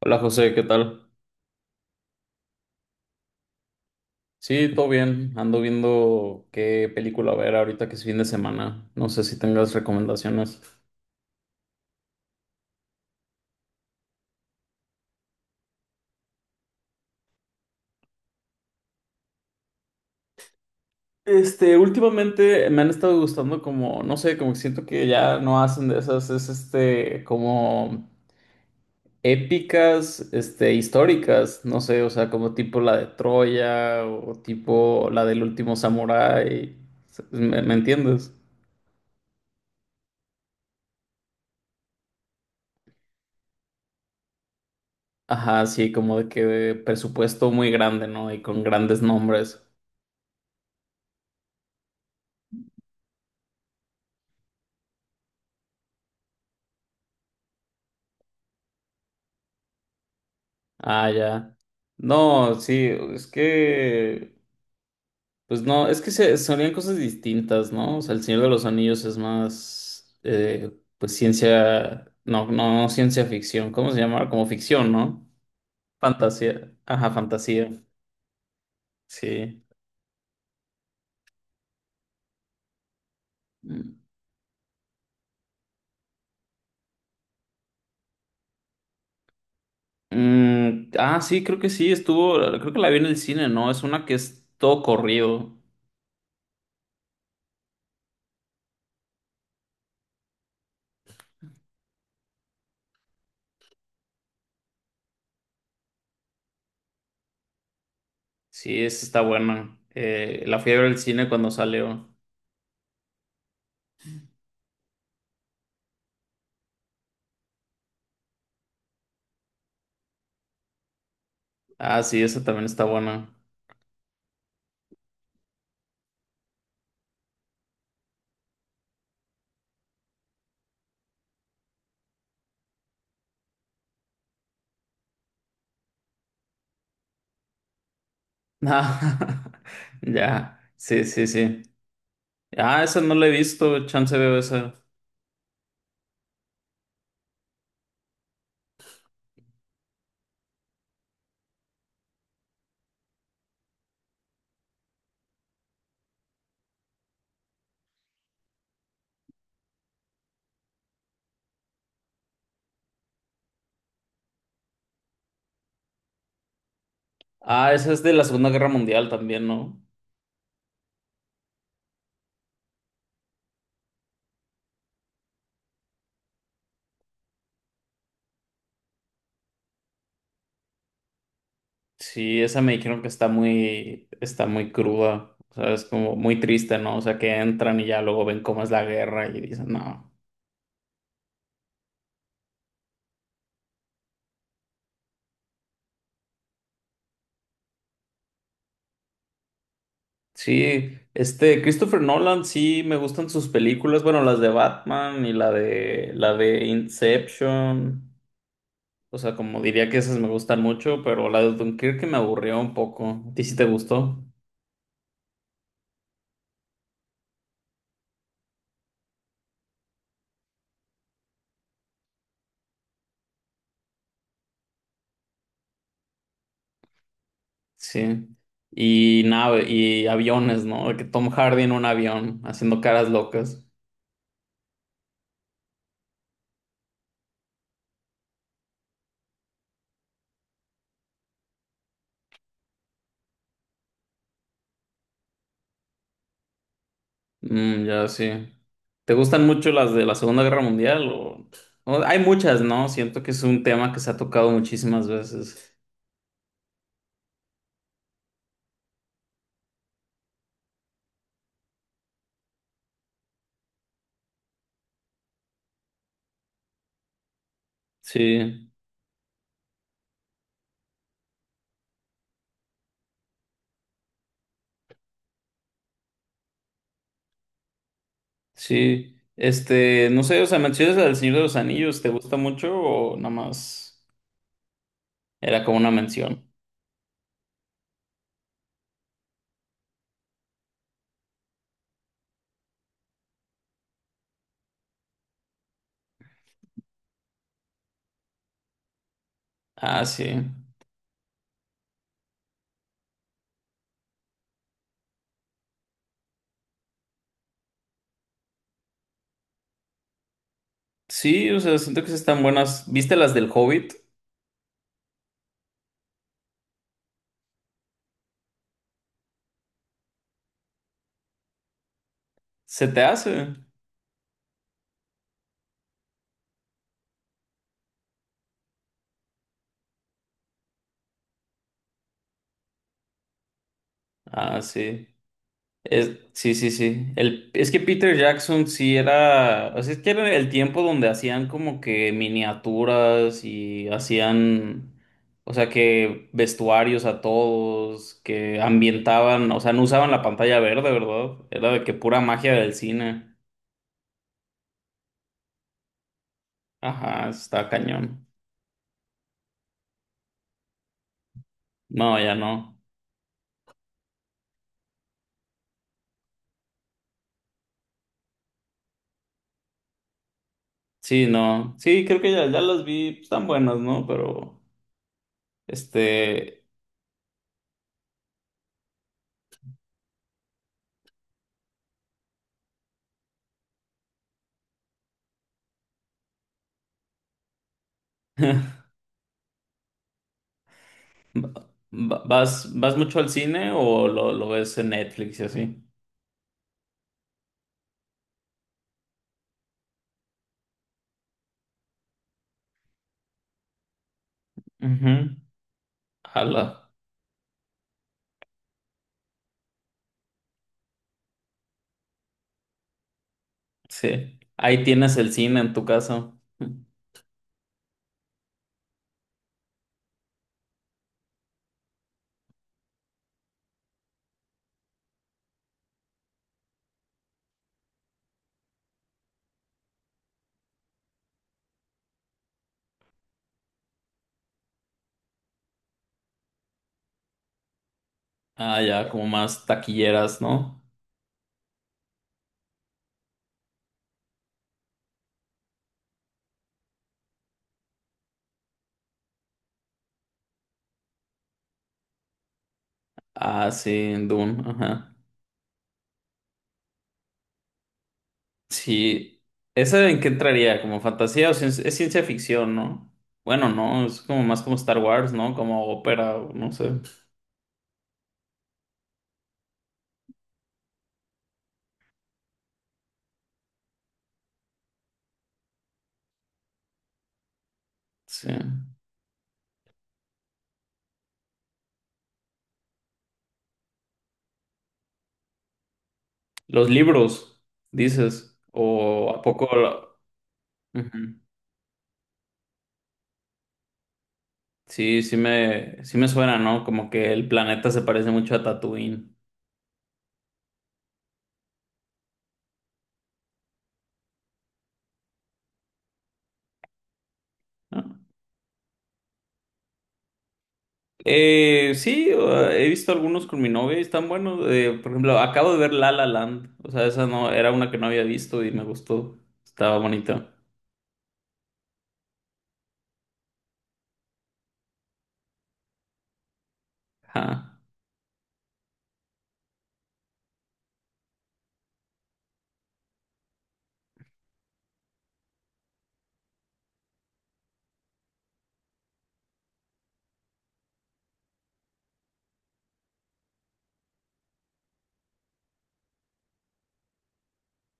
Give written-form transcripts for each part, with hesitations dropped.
Hola José, ¿qué tal? Sí, todo bien. Ando viendo qué película ver ahorita que es fin de semana. No sé si tengas recomendaciones. Últimamente me han estado gustando como, no sé, como que siento que ya no hacen de esas, como épicas, históricas, no sé, o sea, como tipo la de Troya o tipo la del último samurái. ¿Me entiendes? Ajá, sí, como de que presupuesto muy grande, ¿no? Y con grandes nombres. Ah, ya. No, sí, es que, pues no, es que sonían cosas distintas, ¿no? O sea, El Señor de los Anillos es más, pues ciencia, no, no, no ciencia ficción, ¿cómo se llama? Como ficción, ¿no? Fantasía, ajá, fantasía, sí. Mm, ah, sí, creo que sí, estuvo, creo que la vi en el cine, ¿no? Es una que es todo corrido. Sí, esa está buena. La fui a ver al cine cuando salió. Ah, sí, esa también está buena. Ah, ya, sí, sí, sí. Ah, esa no la he visto, chance veo esa. Ah, esa es de la Segunda Guerra Mundial también, ¿no? Sí, esa me dijeron que está muy cruda, o sea, es como muy triste, ¿no? O sea, que entran y ya luego ven cómo es la guerra y dicen, no. Sí, Christopher Nolan, sí, me gustan sus películas, bueno, las de Batman y la de Inception. O sea, como diría que esas me gustan mucho, pero la de Dunkirk me aburrió un poco. ¿A ti sí te gustó? Sí. Y aviones, ¿no? De que Tom Hardy en un avión, haciendo caras locas. Mm, ya sí. ¿Te gustan mucho las de la Segunda Guerra Mundial? Hay muchas, ¿no? Siento que es un tema que se ha tocado muchísimas veces. Sí, sí. No sé, o sea, menciones la del Señor de los Anillos, ¿te gusta mucho o nada más era como una mención? Ah, sí. Sí, o sea, siento que sí están buenas. ¿Viste las del Hobbit? ¿Se te hace? Ah, sí. Sí, sí, sí. Es que Peter Jackson sí era. O sea, es que era el tiempo donde hacían como que miniaturas y hacían. O sea, que vestuarios a todos, que ambientaban. O sea, no usaban la pantalla verde, ¿verdad? Era de que pura magia del cine. Ajá, está cañón. No, ya no. Sí, no. Sí, creo que ya las vi. Están buenas, ¿no? Pero. Este, va- ¿vas mucho al cine o lo ves en Netflix y así? Ujú. Ala, sí. Ahí tienes el cine en tu casa. Ah, ya, como más taquilleras, ¿no? Ah, sí, en Dune, ajá. Sí. ¿Esa en qué entraría? ¿Como fantasía o es ciencia ficción, ¿no? Bueno, no, es como más como Star Wars, ¿no? Como ópera, o no sé. Sí. Los libros, dices. ¿O a poco? Ujú. Sí me suena, ¿no? Como que el planeta se parece mucho a Tatooine, ¿no? Sí, he visto algunos con mi novia y están buenos. Por ejemplo, acabo de ver La La Land. O sea, esa no, era una que no había visto y me gustó. Estaba bonito. Ajá.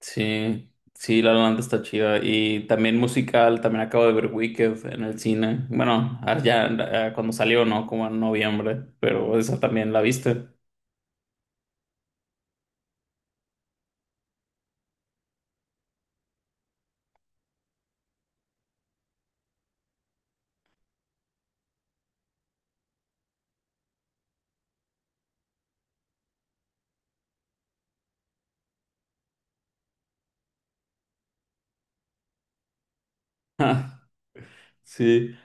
Sí, sí, La La Land está chida. Y también musical, también acabo de ver Wicked en el cine. Bueno, ah, ya cuando salió, ¿no? Como en noviembre, pero esa también la viste. Sí.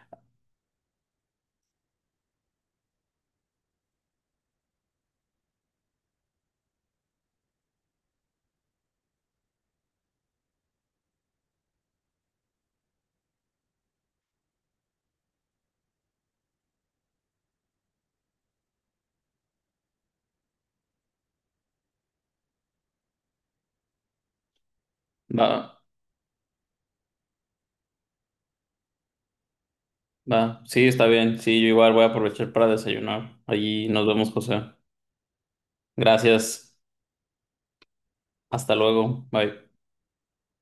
Va. Va, sí, está bien. Sí, yo igual voy a aprovechar para desayunar. Allí nos vemos, José. Gracias. Hasta luego. Bye.